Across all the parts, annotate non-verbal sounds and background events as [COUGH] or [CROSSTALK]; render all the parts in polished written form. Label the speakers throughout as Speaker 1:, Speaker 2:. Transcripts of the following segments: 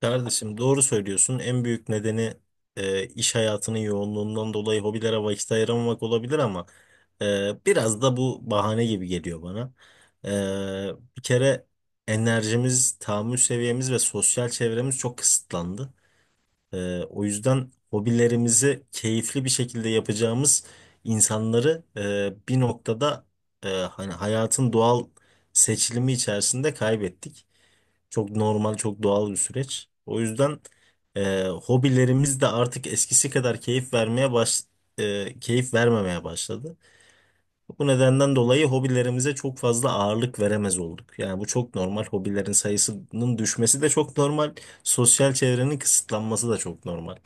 Speaker 1: Kardeşim doğru söylüyorsun. En büyük nedeni iş hayatının yoğunluğundan dolayı hobilere vakit ayıramamak olabilir ama biraz da bu bahane gibi geliyor bana. E, Bir kere enerjimiz, tahammül seviyemiz ve sosyal çevremiz çok kısıtlandı. O yüzden hobilerimizi keyifli bir şekilde yapacağımız insanları bir noktada hani hayatın doğal seçilimi içerisinde kaybettik. Çok normal, çok doğal bir süreç. O yüzden hobilerimiz de artık eskisi kadar keyif vermeye keyif vermemeye başladı. Bu nedenden dolayı hobilerimize çok fazla ağırlık veremez olduk. Yani bu çok normal. Hobilerin sayısının düşmesi de çok normal. Sosyal çevrenin kısıtlanması da çok normal.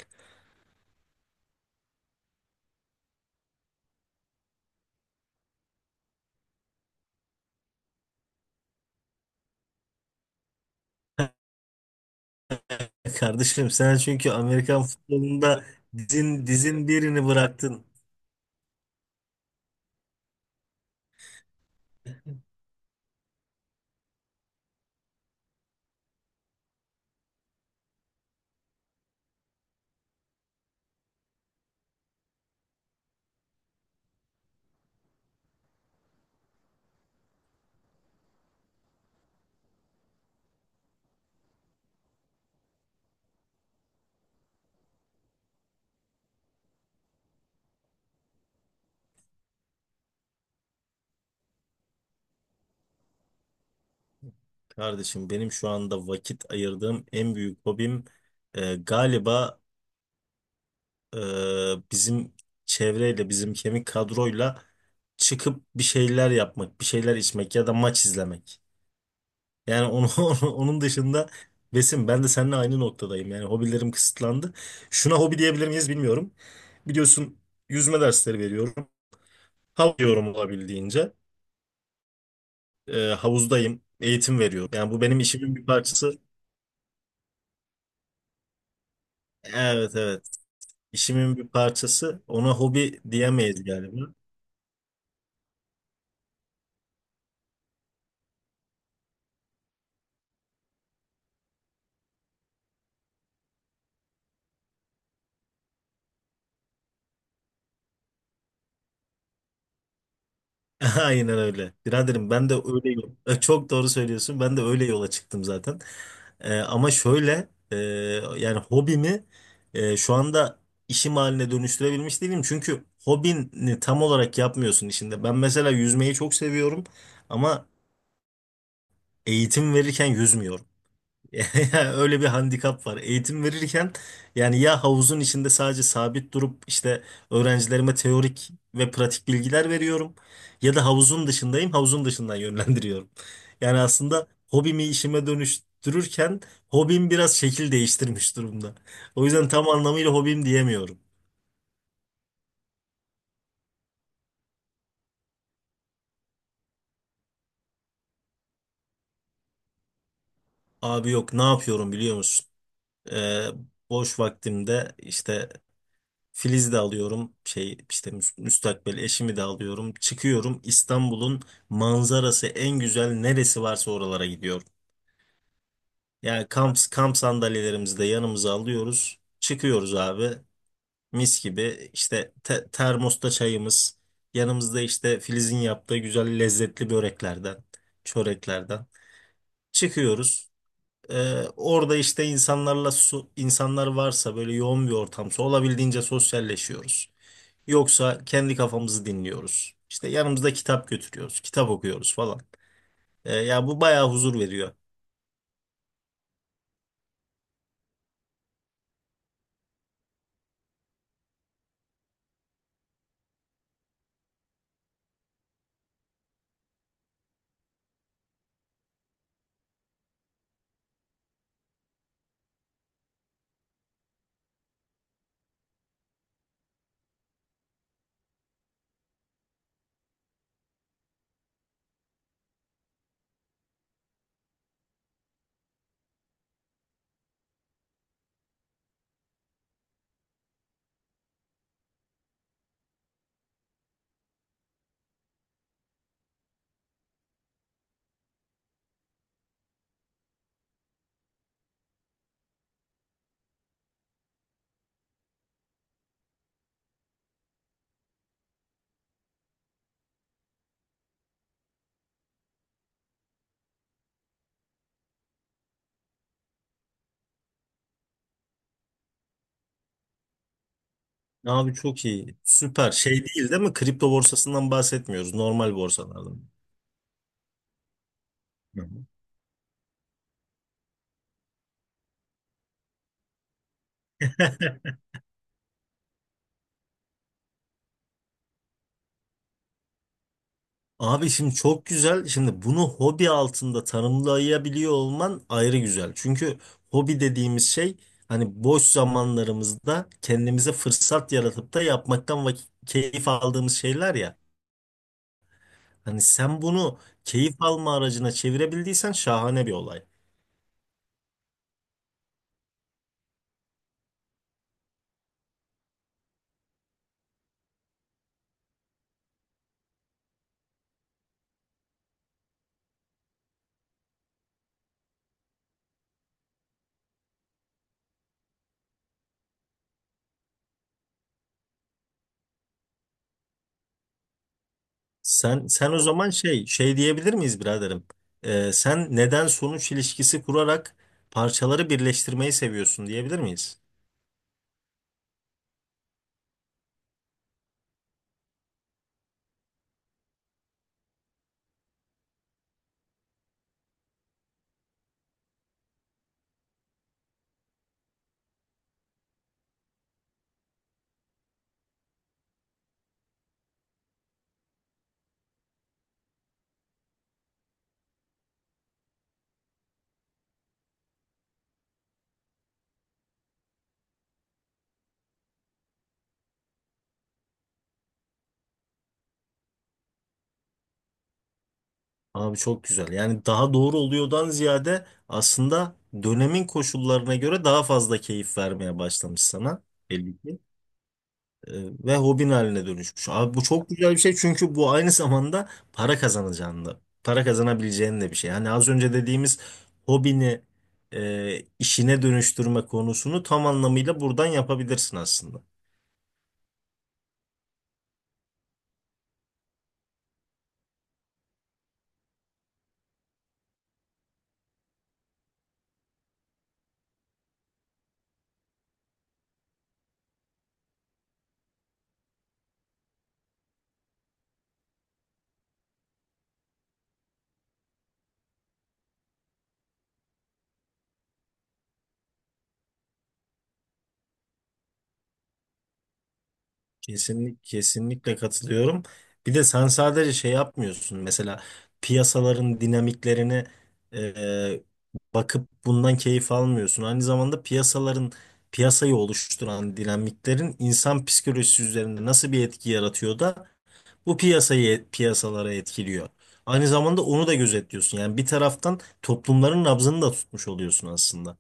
Speaker 1: [LAUGHS] Kardeşim sen çünkü Amerikan futbolunda dizin dizin birini bıraktın. Kardeşim benim şu anda vakit ayırdığım en büyük hobim galiba bizim çevreyle, bizim kemik kadroyla çıkıp bir şeyler yapmak, bir şeyler içmek ya da maç izlemek. Yani [LAUGHS] onun dışında Besim, ben de seninle aynı noktadayım. Yani hobilerim kısıtlandı. Şuna hobi diyebilir miyiz bilmiyorum. Biliyorsun, yüzme dersleri veriyorum. Hav diyorum olabildiğince. Havuzdayım, eğitim veriyorum. Yani bu benim işimin bir parçası. Evet, evet. İşimin bir parçası. Ona hobi diyemeyiz galiba. [LAUGHS] Aynen öyle. Biraderim ben de öyle, [LAUGHS] çok doğru söylüyorsun. Ben de öyle yola çıktım zaten. E, ama şöyle e, yani hobimi şu anda işim haline dönüştürebilmiş değilim. Çünkü hobini tam olarak yapmıyorsun işinde. Ben mesela yüzmeyi çok seviyorum ama eğitim verirken yüzmüyorum. [LAUGHS] Öyle bir handikap var. Eğitim verirken yani ya havuzun içinde sadece sabit durup işte öğrencilerime teorik ve pratik bilgiler veriyorum ya da havuzun dışındayım, havuzun dışından [LAUGHS] yönlendiriyorum. Yani aslında hobimi işime dönüştürürken hobim biraz şekil değiştirmiş durumda. O yüzden tam anlamıyla hobim diyemiyorum. Abi yok, ne yapıyorum biliyor musun? Ee, Boş vaktimde işte Filiz de alıyorum, şey işte müstakbel eşimi de alıyorum. Çıkıyorum, İstanbul'un manzarası en güzel neresi varsa oralara gidiyorum. Yani kamp sandalyelerimizi de yanımıza alıyoruz. Çıkıyoruz abi, mis gibi işte termosta çayımız yanımızda, işte Filiz'in yaptığı güzel lezzetli böreklerden, çöreklerden çıkıyoruz. Orada işte insanlar varsa böyle yoğun bir ortamsa olabildiğince sosyalleşiyoruz. Yoksa kendi kafamızı dinliyoruz. İşte yanımızda kitap götürüyoruz, kitap okuyoruz falan. Ya bu bayağı huzur veriyor. Abi çok iyi, süper. Şey, değil mi? Kripto borsasından bahsetmiyoruz, normal borsalardan. Hı hı. [LAUGHS] Abi şimdi çok güzel. Şimdi bunu hobi altında tanımlayabiliyor olman ayrı güzel. Çünkü hobi dediğimiz şey, hani boş zamanlarımızda kendimize fırsat yaratıp da yapmaktan keyif aldığımız şeyler ya. Hani sen bunu keyif alma aracına çevirebildiysen şahane bir olay. Sen o zaman şey diyebilir miyiz biraderim? Sen neden sonuç ilişkisi kurarak parçaları birleştirmeyi seviyorsun diyebilir miyiz? Abi çok güzel. Yani daha doğru oluyordan ziyade aslında dönemin koşullarına göre daha fazla keyif vermeye başlamış sana, belli ki. E, Ve hobin haline dönüşmüş. Abi bu çok güzel bir şey, çünkü bu aynı zamanda para kazanacağını da, para kazanabileceğin de bir şey. Yani az önce dediğimiz hobini işine dönüştürme konusunu tam anlamıyla buradan yapabilirsin aslında. Kesinlikle katılıyorum. Bir de sen sadece şey yapmıyorsun. Mesela piyasaların dinamiklerine e, bakıp bundan keyif almıyorsun. Aynı zamanda piyasayı oluşturan dinamiklerin insan psikolojisi üzerinde nasıl bir etki yaratıyor da bu piyasalara etkiliyor. Aynı zamanda onu da gözetliyorsun. Yani bir taraftan toplumların nabzını da tutmuş oluyorsun aslında.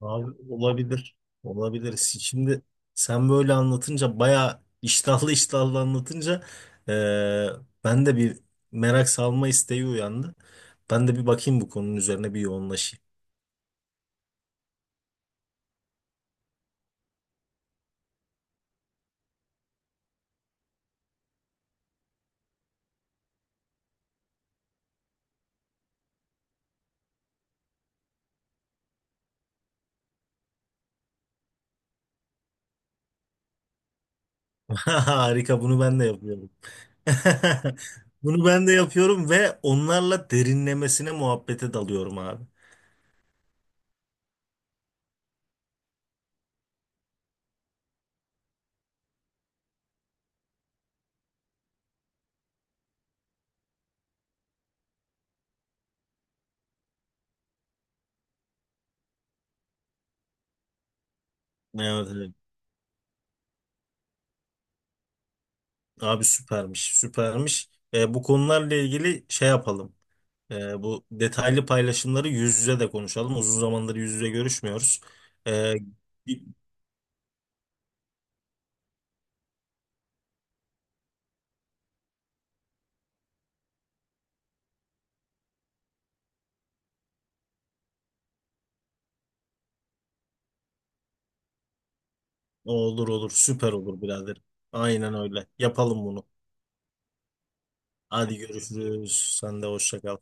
Speaker 1: Abi olabilir. Olabilir. Şimdi sen böyle anlatınca, bayağı iştahlı iştahlı anlatınca, eee, ben de bir merak salma isteği uyandı. Ben de bir bakayım, bu konunun üzerine bir yoğunlaşayım. [LAUGHS] Harika, bunu ben de yapıyorum. [LAUGHS] Bunu ben de yapıyorum ve onlarla derinlemesine muhabbete dalıyorum abi. Evet, evet. Abi süpermiş, süpermiş. Bu konularla ilgili şey yapalım. Bu detaylı paylaşımları yüz yüze de konuşalım. Uzun zamandır yüz yüze görüşmüyoruz. Ee, bir- olur olur, süper olur birader. Aynen öyle. Yapalım bunu. Hadi görüşürüz. Sen de hoşça kal.